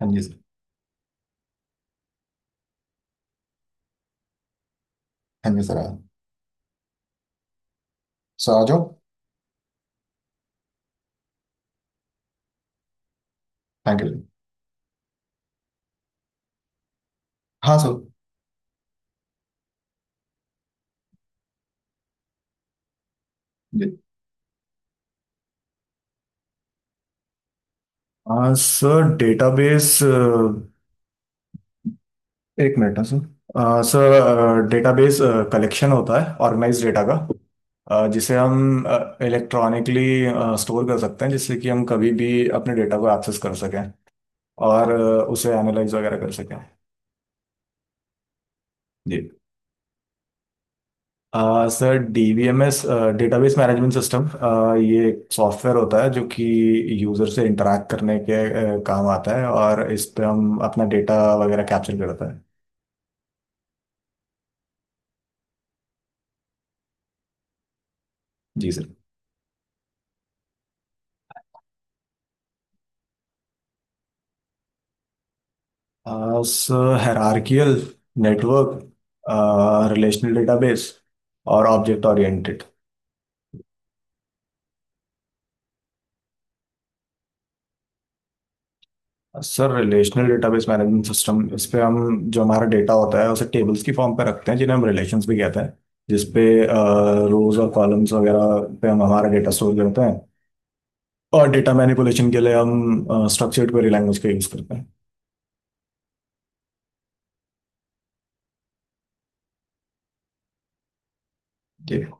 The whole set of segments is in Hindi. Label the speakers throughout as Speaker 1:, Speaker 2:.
Speaker 1: हाँ जी सर, हाँ जी सर, हाँ। सर आ जाओ। Thank you sir. हाँ सर। जी। सर डेटाबेस, एक मिनट ना सर। सर डेटाबेस कलेक्शन होता है ऑर्गेनाइज डेटा का, जिसे हम इलेक्ट्रॉनिकली स्टोर कर सकते हैं जिससे कि हम कभी भी अपने डेटा को एक्सेस कर सकें और उसे एनालाइज वगैरह कर सकें। जी। Sir DBMS database management system, ये एक सॉफ्टवेयर होता है जो कि यूज़र से इंटरैक्ट करने के काम आता है और इस पे हम अपना डेटा वगैरह कैप्चर करता है। जी सर। आ, उस हायरार्कियल, नेटवर्क, रिलेशनल डेटाबेस और object oriented. Sir relational database management system. इस पे हम जो हमारा डेटा होता है उसे टेबल्स की फॉर्म पे रखते हैं जिन्हें हम रिलेशंस भी कहते हैं। जिसपे रोज और कॉलम्स वगैरह पे हम हमारा डेटा स्टोर करते हैं। और डेटा मैनिपुलेशन के लिए हम स्ट्रक्चर्ड क्वेरी लैंग्वेज का यूज़ करते हैं। ठीक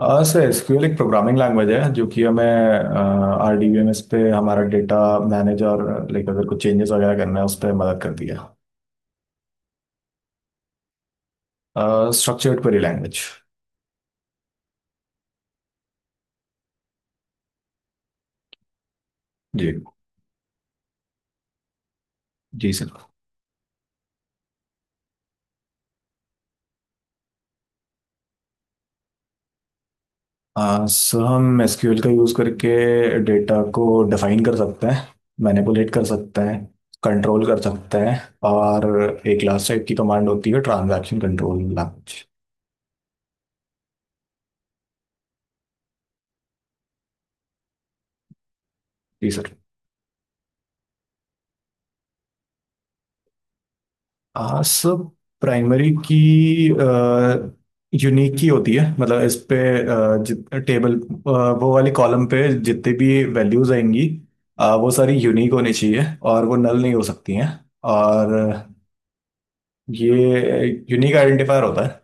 Speaker 1: है, सर SQL एक प्रोग्रामिंग लैंग्वेज है जो कि हमें RDBMS पे हमारा डेटा मैनेज और, लाइक, अगर कुछ चेंजेस वगैरह करना है उस पर मदद करती है। Structured query language. जी, जी सर। सर हम SQL का यूज़ करके डेटा को डिफाइन कर सकते हैं, मैनिपुलेट कर सकते हैं, कंट्रोल कर सकते हैं और एक लास्ट टाइप की कमांड होती है ट्रांजैक्शन कंट्रोल लैंग्वेज। जी सर। सब प्राइमरी की यूनिक की होती है, मतलब इस पे आ, जित टेबल आ, वो वाली कॉलम पे जितनी भी वैल्यूज आएंगी, वो सारी यूनिक होनी चाहिए और वो नल नहीं हो सकती हैं, और ये यूनिक आइडेंटिफायर होता है।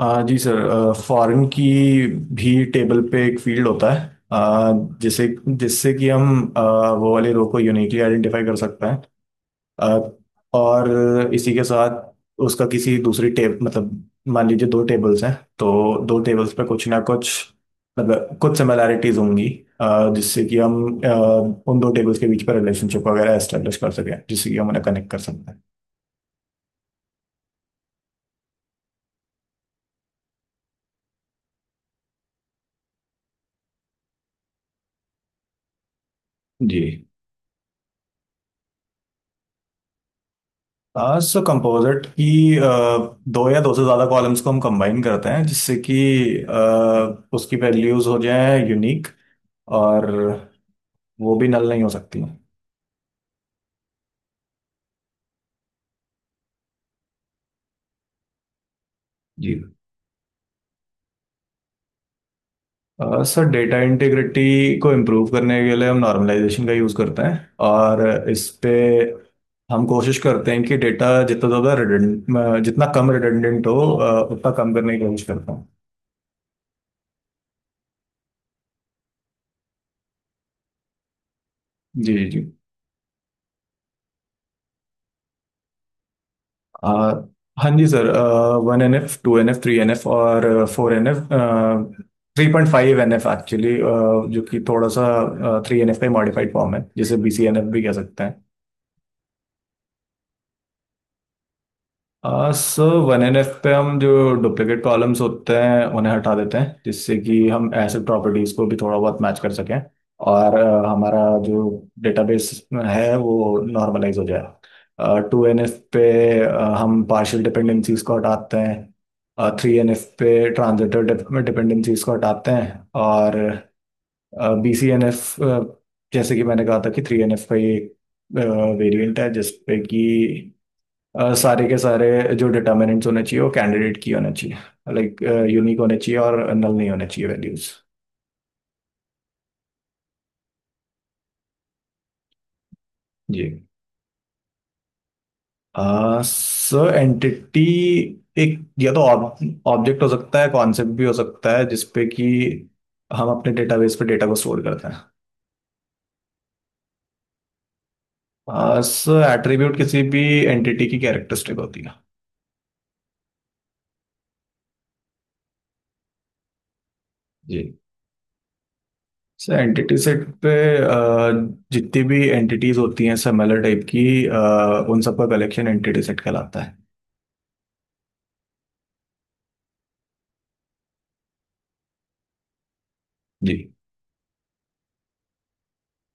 Speaker 1: जी सर फॉरेन की भी टेबल पे एक फील्ड होता है, आ, जिसे जिससे कि हम वो वाले रो को यूनिकली आइडेंटिफाई कर सकते हैं। अ, और इसी के साथ उसका किसी दूसरी टेब, मतलब, मान लीजिए दो टेबल्स हैं, तो दो टेबल्स पे कुछ ना कुछ, मतलब कुछ सिमिलैरिटीज होंगी, जिससे कि हम अ, उन दो टेबल्स के बीच पर रिलेशनशिप वगैरह एस्टेब्लिश कर सकें जिससे कि हम उन्हें कनेक्ट कर सकते हैं। जी। सो कंपोजिट की, अ, दो या दो से ज़्यादा कॉलम्स को हम कंबाइन करते हैं जिससे कि उसकी वैल्यूज हो जाए यूनिक, और वो भी नल नहीं हो सकती। सर डेटा इंटीग्रिटी को इम्प्रूव करने के लिए हम नॉर्मलाइजेशन का यूज़ करते हैं और इस पे हम कोशिश करते हैं कि डेटा जितना कम रिडंडेंट हो, उतना कम करने की कोशिश करता हूँ। जी, जी, जी। अ, हाँ जी सर। 1NF, 2NF, 3NF और 4NF। 3.5NF एक्चुअली, जो कि थोड़ा सा 3NF का मॉडिफाइड फॉर्म है, जिसे BCNF भी कह सकते हैं। सो 1NF पे हम जो डुप्लीकेट कॉलम्स होते हैं उन्हें हटा देते हैं जिससे कि हम एसिड प्रॉपर्टीज को भी थोड़ा बहुत मैच कर सकें और हमारा जो डेटाबेस है वो नॉर्मलाइज हो जाए। 2NF पे हम पार्शियल डिपेंडेंसीज को हटाते हैं, 3NF पे ट्रांजिटिव डिपेंडेंसीज को हटाते हैं, और BCNF, जैसे कि मैंने कहा था कि 3NF का ये वेरिएंट है, जिसपे कि सारे के सारे जो डिटर्मिनेंट्स होने चाहिए वो कैंडिडेट की होने चाहिए, लाइक यूनिक होने चाहिए और नल नहीं होने चाहिए वैल्यूज। जी सर एंटिटी एक या तो ऑब्जेक्ट हो सकता है, कॉन्सेप्ट भी हो सकता है, जिसपे कि हम अपने डेटाबेस पे डेटा को स्टोर करते हैं। सर एट्रीब्यूट किसी भी एंटिटी की कैरेक्टरिस्टिक होती है। जी सर एंटिटी सेट पे अ, जितनी भी एंटिटीज होती हैं सिमिलर टाइप की, उन सबका कलेक्शन एंटिटी सेट कहलाता है। जी।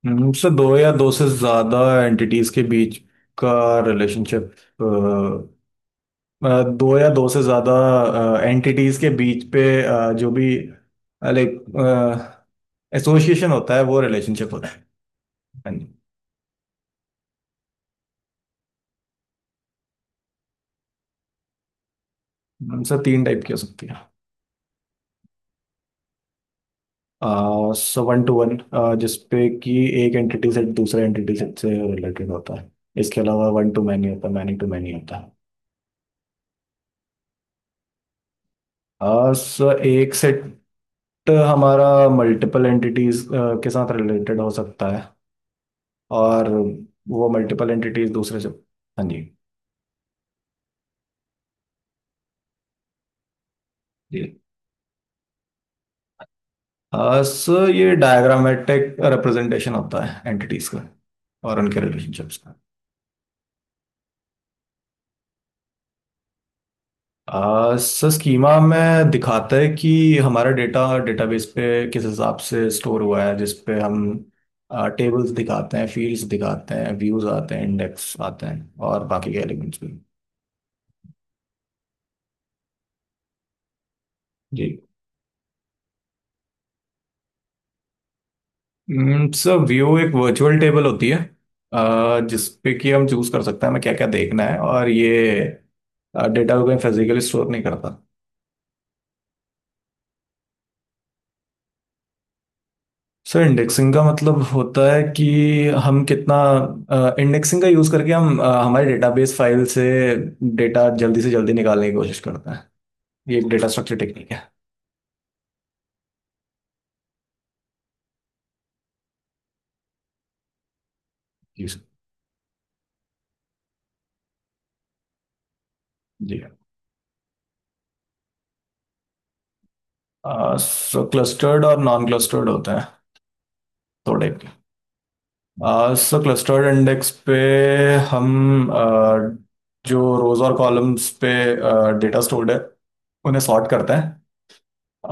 Speaker 1: से दो या दो से ज्यादा एंटिटीज के बीच का रिलेशनशिप। दो या दो से ज्यादा एंटिटीज के बीच पे जो भी, लाइक, एसोसिएशन होता है वो रिलेशनशिप होता है। हाँ जी। सर तीन टाइप की हो सकती है। सो वन टू वन, जिसपे कि एक एंटिटी से दूसरे एंटिटी से रिलेटेड होता है। इसके अलावा वन टू मैनी होता है, मैनी टू मैनी होता है। एक सेट हमारा मल्टीपल एंटिटीज के साथ रिलेटेड हो सकता है, और वो मल्टीपल एंटिटीज दूसरे से। हाँ जी। जी। आ, स ये डायग्रामेटिक रिप्रेजेंटेशन होता है एंटिटीज का और उनके रिलेशनशिप्स का। आ, स स्कीमा में दिखाता है कि हमारा डेटा डेटाबेस पे किस हिसाब से स्टोर हुआ है, जिस पे हम टेबल्स दिखाते हैं, फील्ड्स दिखाते हैं, व्यूज आते हैं, इंडेक्स आते हैं और बाकी के एलिमेंट्स भी। जी। सर व्यू एक वर्चुअल टेबल होती है, जिसपे कि हम चूज कर सकते हैं हमें क्या क्या देखना है, और ये डेटा को कहीं फिजिकली स्टोर नहीं करता। सर इंडेक्सिंग का मतलब होता है कि हम कितना इंडेक्सिंग का यूज करके हम हमारे डेटाबेस फाइल से डेटा जल्दी से जल्दी निकालने की कोशिश करते हैं। ये एक डेटा स्ट्रक्चर टेक्निक है। जी सर, जी सर क्लस्टर्ड और नॉन क्लस्टर्ड होते हैं। थोड़े सो क्लस्टर्ड इंडेक्स पे हम जो रोज और कॉलम्स पे डेटा स्टोर्ड है उन्हें सॉर्ट करते हैं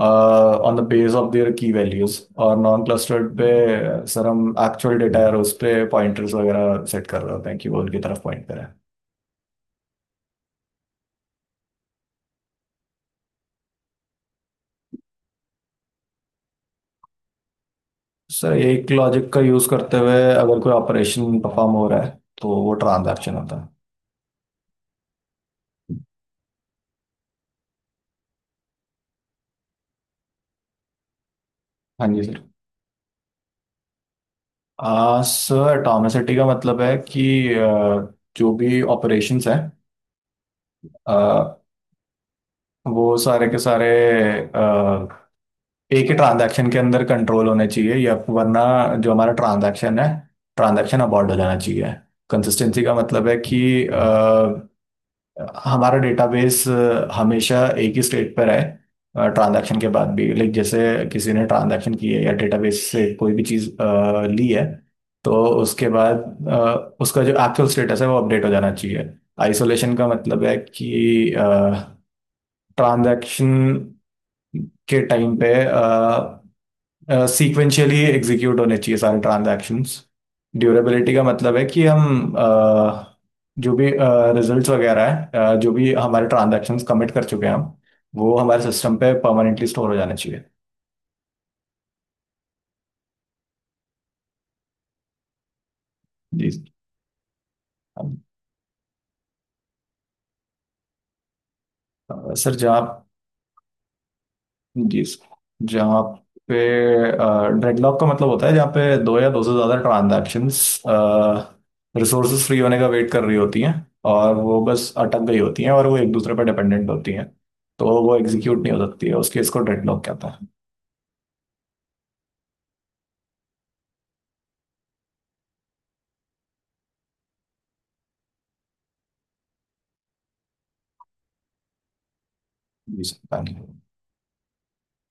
Speaker 1: on the base of their key values, और नॉन क्लस्टर्ड पे सर हम एक्चुअल डेटा है उस पे पॉइंटर्स वगैरह सेट कर रहे होते हैं कि वो उनकी तरफ पॉइंट करें। सर एक लॉजिक का यूज करते हुए अगर कोई ऑपरेशन परफॉर्म हो रहा है तो वो ट्रांजैक्शन होता है। हाँ जी सर। सर एटॉमिसिटी का मतलब है कि जो भी ऑपरेशंस हैं वो सारे के सारे अ, एक ही ट्रांजैक्शन के अंदर कंट्रोल होने चाहिए, या वरना जो हमारा ट्रांजैक्शन है, ट्रांजैक्शन अबॉर्ड हो जाना चाहिए। कंसिस्टेंसी का मतलब है कि अ, हमारा डेटाबेस हमेशा एक ही स्टेट पर है ट्रांजैक्शन के बाद भी, लाइक जैसे किसी ने ट्रांजैक्शन की है या डेटाबेस से कोई भी चीज़ ली है, तो उसके बाद उसका जो एक्चुअल स्टेटस है वो अपडेट हो जाना चाहिए। आइसोलेशन का मतलब है कि ट्रांजैक्शन के टाइम पे सीक्वेंशियली एग्जीक्यूट होने चाहिए सारे ट्रांजैक्शंस। ड्यूरेबिलिटी का मतलब है कि हम जो भी रिजल्ट्स वगैरह है, जो भी हमारे ट्रांजैक्शंस कमिट कर चुके हैं, हम वो हमारे सिस्टम पे परमानेंटली स्टोर हो जाना चाहिए। जी सर, जहाँ जी। जहाँ पे डेडलॉक का मतलब होता है जहाँ पे दो या दो से ज्यादा ट्रांजैक्शंस रिसोर्सेज फ्री होने का वेट कर रही होती हैं, और वो बस अटक गई होती हैं और वो एक दूसरे पर डिपेंडेंट होती हैं, तो वो एग्जीक्यूट नहीं हो सकती है। उस केस को डेडलॉक कहते हैं। जी सर, धन्यवाद।